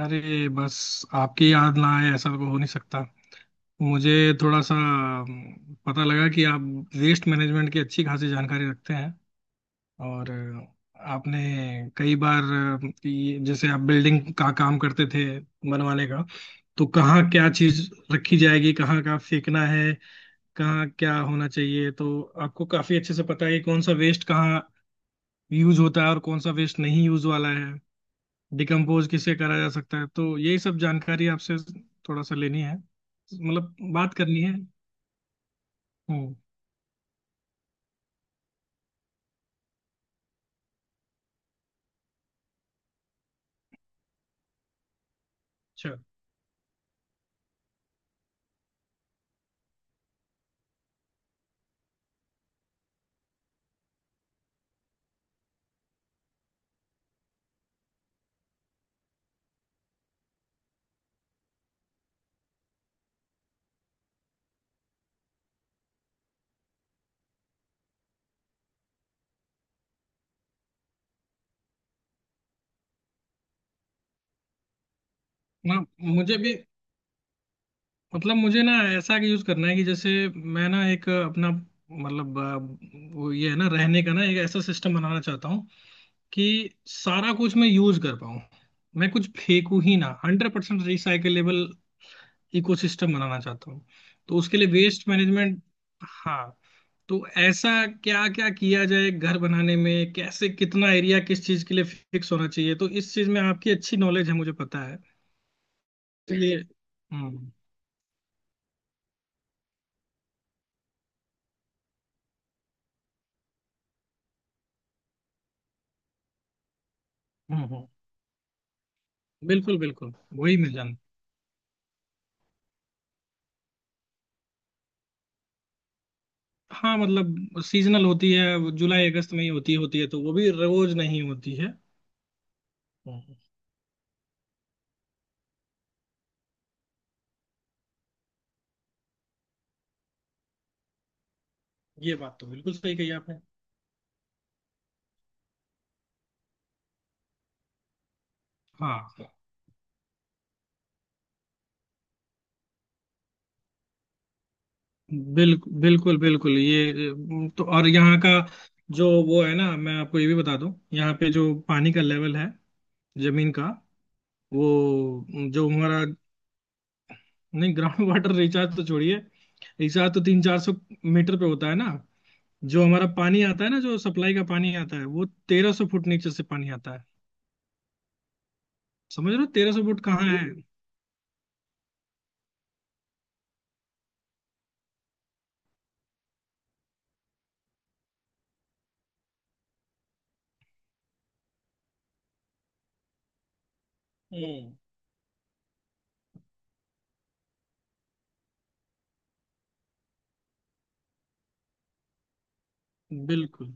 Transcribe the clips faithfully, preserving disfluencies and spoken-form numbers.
अरे बस आपकी याद ना आए ऐसा तो हो नहीं सकता। मुझे थोड़ा सा अम, पता लगा कि आप वेस्ट मैनेजमेंट की अच्छी खासी जानकारी रखते हैं और अ, आपने कई बार अ, ये- जैसे आप बिल्डिंग का काम करते थे बनवाने का। तो कहाँ क्या चीज रखी जाएगी कहाँ का फेंकना है कहाँ क्या होना चाहिए तो आपको काफी अच्छे से पता है कि कौन सा वेस्ट कहाँ यूज होता है और कौन सा वेस्ट नहीं यूज वाला है, डिकम्पोज किसे करा जा सकता है। तो यही सब जानकारी आपसे थोड़ा सा लेनी है, मतलब बात करनी है। हम्म। अच्छा। ना। मुझे भी, मतलब मुझे ना ऐसा यूज करना है कि जैसे मैं ना एक अपना मतलब अ, वो ये है ना रहने का ना, एक ऐसा सिस्टम बनाना चाहता हूँ कि सारा कुछ मैं यूज कर पाऊँ। मैं कुछ फेंकू ही ना, हंड्रेड परसेंट रिसाइकलेबल इकोसिस्टम बनाना चाहता हूँ। तो उसके लिए वेस्ट मैनेजमेंट। हाँ। तो ऐसा क्या क्या किया जाए घर बनाने में, कैसे कितना एरिया किस चीज के लिए फिक्स होना चाहिए, तो इस चीज में आपकी अच्छी नॉलेज है मुझे पता है, इसलिए। हम्म हम्म हम्म, बिल्कुल बिल्कुल। वही मिल जाना। हाँ मतलब सीजनल होती है वो, जुलाई अगस्त में ही होती होती है, तो वो भी रोज नहीं होती है। हम्म, ये बात तो बिल्कुल सही कही आपने। हाँ। बिल्कुल बिल्कुल बिल्कुल ये अम, तो, और यहाँ का जो वो है ना, मैं आपको ये भी बता दूं। यहाँ पे जो पानी का लेवल है जमीन का, वो अम, जो हमारा, नहीं ग्राउंड वाटर रिचार्ज तो छोड़िए। रिचार्ज तो तीन चार सौ मीटर पे होता है ना। जो हमारा पानी आता है ना, जो सप्लाई का पानी आता है वो तेरह सौ फुट नीचे से पानी आता है। समझ रहे हो तेरह सौ फुट कहाँ है। हम्म। बिल्कुल।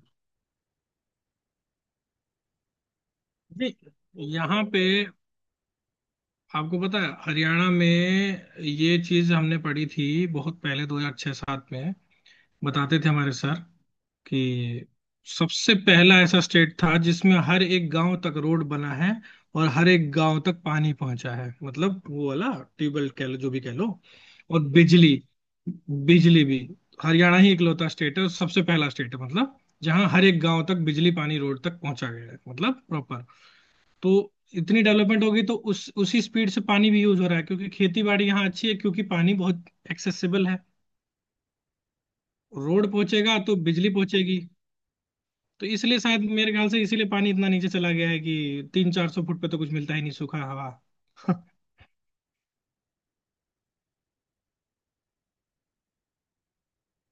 जी। यहाँ पे आपको पता है हरियाणा में ये चीज हमने पढ़ी थी, बहुत पहले दो हज़ार छह-सात में बताते थे हमारे सर कि सबसे पहला ऐसा स्टेट था जिसमें हर एक गांव तक रोड बना है, और हर एक गांव तक पानी पहुंचा है, मतलब वो वाला ट्यूबवेल कह लो जो भी कह लो। और बिजली, बिजली भी हरियाणा ही इकलौता स्टेट है और सबसे पहला स्टेट है, मतलब जहाँ हर एक गांव तक बिजली पानी रोड तक पहुंचा गया है, मतलब प्रॉपर। तो इतनी डेवलपमेंट होगी तो उस उसी स्पीड से पानी भी यूज हो रहा है, क्योंकि खेती बाड़ी यहाँ अच्छी है क्योंकि पानी बहुत एक्सेसिबल है। रोड पहुंचेगा तो बिजली पहुंचेगी। तो इसलिए शायद मेरे ख्याल से इसीलिए पानी इतना नीचे चला गया है कि तीन चार सौ फुट पे तो कुछ मिलता ही नहीं, सूखा हवा।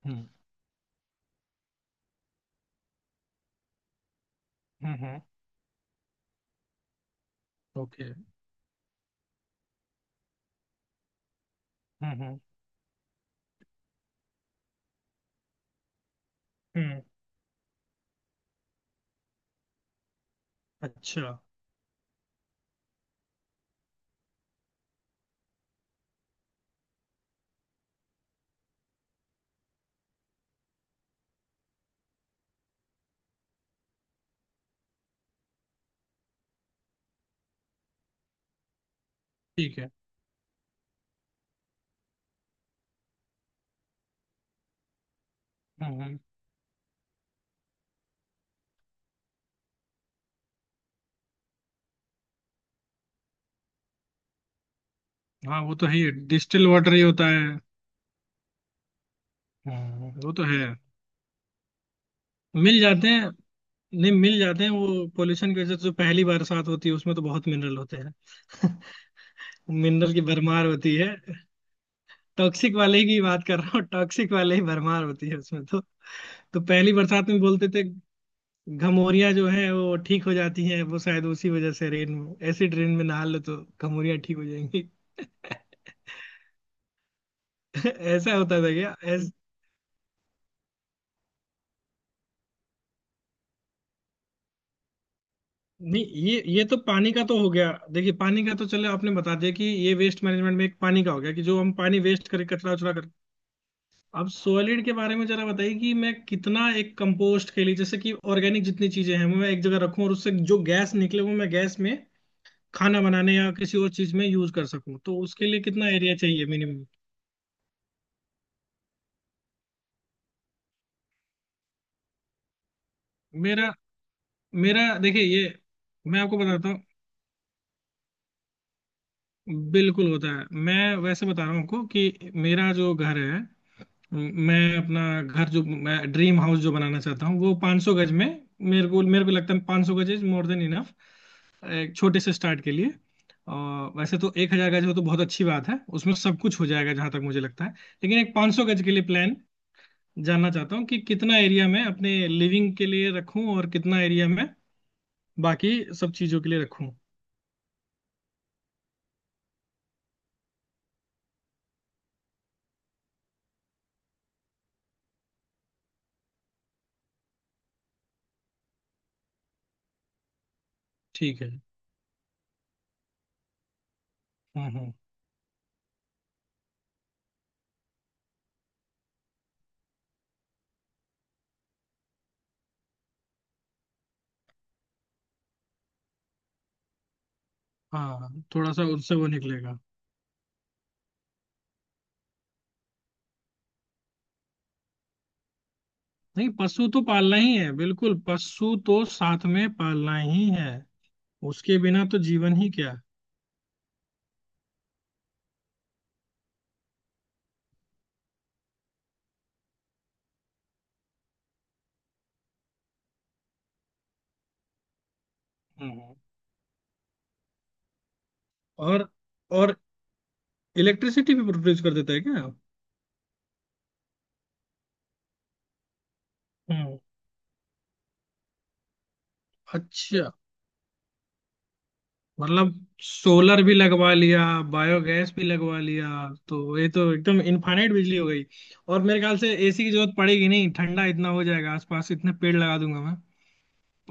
हम्म हम्म। ओके। हम्म okay, हम्म। हम्म, अच्छा। ठीक है। हम्म हम्म, हाँ वो तो है ही, डिस्टिल वाटर ही होता है। हम्म वो तो है। मिल जाते हैं। नहीं मिल जाते हैं, वो पोल्यूशन की वजह से, जो पहली बरसात होती है उसमें तो बहुत मिनरल होते हैं। मिनरल की भरमार होती है। टॉक्सिक वाले ही की बात कर रहा हूँ, टॉक्सिक वाले ही भरमार होती है उसमें तो। तो पहली बरसात में बोलते थे, घमौरियाँ जो है वो ठीक हो जाती हैं, वो शायद उसी वजह से रेन, ऐसी रेन में नहा लो तो घमौरियाँ ठीक हो जाएंगी। ऐसा होता था क्या ऐस... नहीं ये ये तो पानी का तो हो गया, देखिए पानी का तो चलो आपने बता दिया कि ये वेस्ट मैनेजमेंट में एक पानी का हो गया कि जो हम पानी वेस्ट करके, कचरा उचरा अब सॉलिड के बारे में जरा बताइए कि मैं कितना एक कंपोस्ट के लिए जैसे कि ऑर्गेनिक जितनी चीजें हैं वो मैं एक जगह रखूं और उससे जो गैस निकले वो मैं गैस में खाना बनाने या किसी और चीज में यूज कर सकूं, तो उसके लिए कितना एरिया चाहिए मिनिमम। मेरा मेरा देखिए ये, मैं आपको बताता हूँ, बिल्कुल होता है, मैं वैसे बता रहा हूँ आपको, कि मेरा जो घर है, मैं अपना घर जो मैं ड्रीम हाउस जो बनाना चाहता हूँ वो पाँच सौ गज में। मेरे को मेरे को लगता है पाँच सौ गज इज मोर देन इनफ, एक छोटे से स्टार्ट के लिए। और वैसे तो एक हजार गज हो तो बहुत अच्छी बात है, उसमें सब कुछ हो जाएगा जहां तक मुझे लगता है। लेकिन एक पाँच सौ गज के लिए प्लान जानना चाहता हूँ, कि कितना एरिया मैं अपने लिविंग के लिए रखूँ और कितना एरिया मैं बाकी सब चीजों के लिए रखूँ। ठीक है। हम्म हम्म, हाँ थोड़ा सा उससे वो निकलेगा। नहीं पशु तो पालना ही है, बिल्कुल पशु तो साथ में पालना ही है, उसके बिना तो जीवन ही क्या। हम्म। और और इलेक्ट्रिसिटी भी प्रोड्यूस कर देता है क्या। हम्म। अच्छा, मतलब सोलर भी लगवा लिया, बायोगैस भी लगवा लिया, तो ये तो एकदम इनफाइनाइट बिजली हो गई। और मेरे ख्याल से एसी की जरूरत पड़ेगी नहीं, ठंडा इतना हो जाएगा, आसपास इतने पेड़ लगा दूंगा मैं।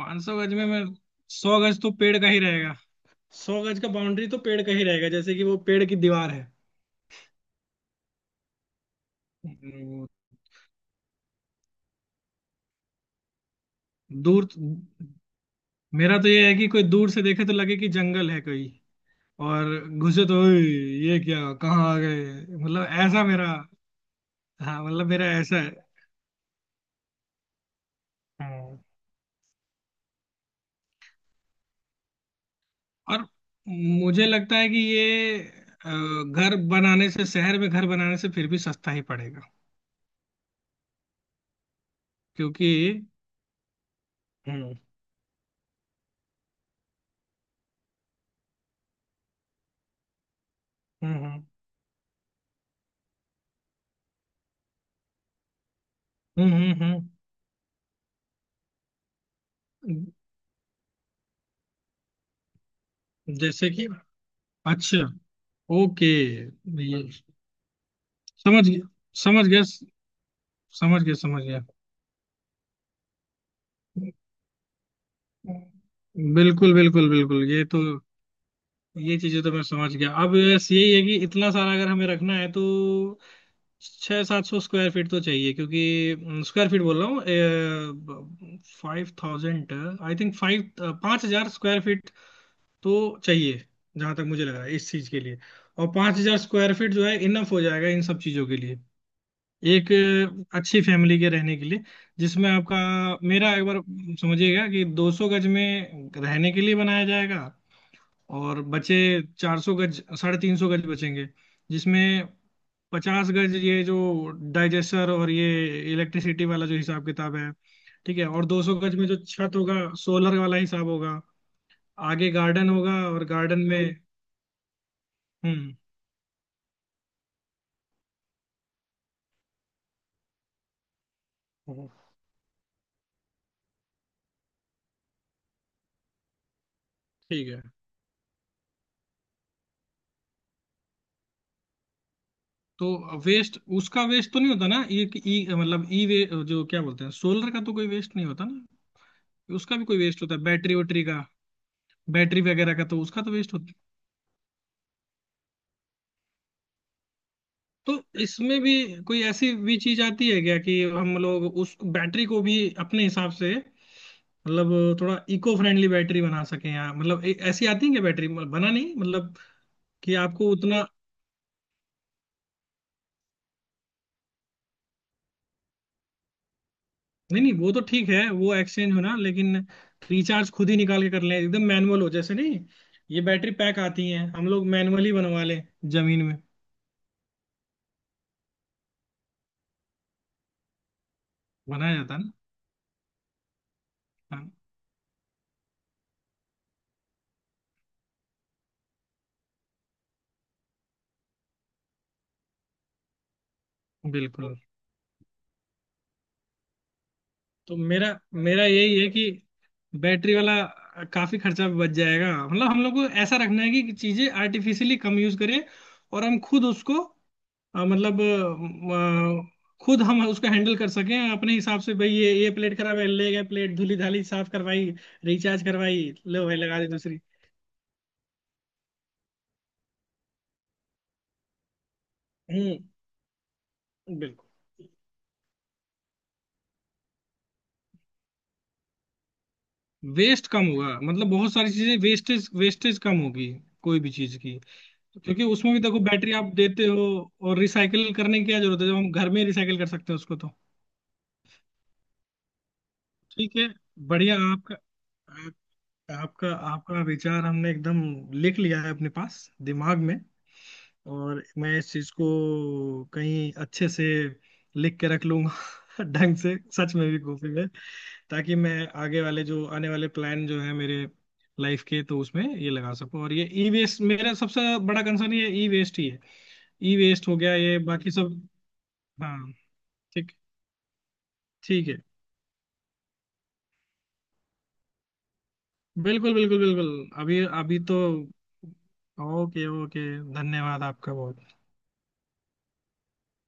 पाँच सौ गज में मैं सौ गज तो पेड़ का ही रहेगा, सौ गज का बाउंड्री तो पेड़ का ही रहेगा, जैसे कि वो पेड़ की दीवार है। हम्म, दूर तो, मेरा तो ये है कि कोई दूर से देखे तो लगे कि जंगल है, कोई और घुसे तो "ओए, ये क्या कहाँ आ गए"। मतलब ऐसा मेरा, हाँ मतलब मेरा ऐसा है। हाँ, और मुझे लगता है कि ये अ, घर बनाने से शहर में, घर बनाने से फिर भी सस्ता ही पड़ेगा क्योंकि। हम्म हम्म हम्म हम्म हम्म हम्म। जैसे कि, अच्छा, ओके। ये समझ गया समझ गया, समझ गया समझ गया। बिल्कुल बिल्कुल बिल्कुल ये तो, ये चीजें तो मैं समझ गया। अब बस यही है कि इतना सारा अगर हमें रखना है, तो छह सात सौ स्क्वायर फीट तो चाहिए, क्योंकि स्क्वायर फीट बोल रहा हूँ। Five thousand, I think, five, पाँच हजार स्क्वायर फीट तो चाहिए जहां तक मुझे लग रहा है इस चीज के लिए। और पाँच हजार स्क्वायर फीट जो है इनफ हो जाएगा इन सब चीजों के लिए, एक अच्छी फैमिली के रहने के लिए, जिसमें आपका, मेरा एक बार समझिएगा कि दो सौ गज में रहने के लिए बनाया जाएगा, और बचे चार सौ गज, साढ़े तीन सौ गज बचेंगे, जिसमें पचास गज ये जो डाइजेस्टर और ये इलेक्ट्रिसिटी वाला जो हिसाब किताब है। ठीक है, और दो सौ गज में जो छत होगा सोलर वाला हिसाब होगा, आगे गार्डन होगा, और गार्डन में। हम्म हम्म। ठीक है। तो वेस्ट, उसका वेस्ट तो नहीं होता ना, ये कि- ई मतलब ई वे जो क्या बोलते हैं, सोलर का तो कोई वेस्ट नहीं होता ना। उसका भी कोई वेस्ट होता है, बैटरी वैटरी का, बैटरी वगैरह का तो उसका तो वेस्ट होता है। तो इसमें भी कोई ऐसी भी चीज आती है क्या कि हम लोग उस बैटरी को भी अपने हिसाब से, मतलब थोड़ा इको फ्रेंडली बैटरी बना सके, या मतलब ए- ऐसी आती है क्या बैटरी, मतलब बना नहीं, मतलब कि आपको उतना। नहीं नहीं वो तो ठीक है, वो एक्सचेंज होना, लेकिन रिचार्ज खुद ही निकाल के कर लें एकदम मैनुअल हो जैसे, नहीं ये बैटरी पैक आती हैं, हम लोग मैनुअली बनवा लें जमीन में, बनाया जाता है ना। हाँ बिल्कुल। तो मेरा मेरा यही है कि बैटरी वाला काफी खर्चा बच जाएगा, मतलब हम लोग को ऐसा रखना है कि चीजें आर्टिफिशियली कम यूज करें, और हम खुद उसको, अ, मतलब अ, अ, खुद हम उसको हैंडल कर सकें अपने हिसाब से, भाई ये ये प्लेट खराब है, ले गए प्लेट, धुली धाली, साफ करवाई, रिचार्ज करवाई, लो भाई लगा दे दूसरी। हम्म बिल्कुल, वेस्ट कम होगा, मतलब बहुत सारी चीजें, वेस्टेज वेस्टेज कम होगी कोई भी चीज की। क्योंकि उसमें भी देखो बैटरी आप देते हो, और रिसाइकिल करने की क्या जरूरत है जब हम घर में रिसाइकिल कर सकते हैं उसको तो। ठीक है, बढ़िया आपका, आप, आपका आपका विचार हमने एकदम लिख लिया है अपने पास दिमाग में। और मैं इस चीज को कहीं अच्छे से लिख के रख लूंगा ढंग से, सच में भी, कॉपी में, ताकि मैं आगे वाले जो आने वाले प्लान जो है मेरे लाइफ के तो उसमें ये लगा सकूं। और ये ई वेस्ट मेरा सबसे बड़ा कंसर्न, ये ई वेस्ट ही है। ई वेस्ट हो गया, ये बाकी सब। हाँ, ठीक ठीक है। बिल्कुल बिल्कुल बिल्कुल। अभी अभी तो। Okay okay. धन्यवाद आपका बहुत।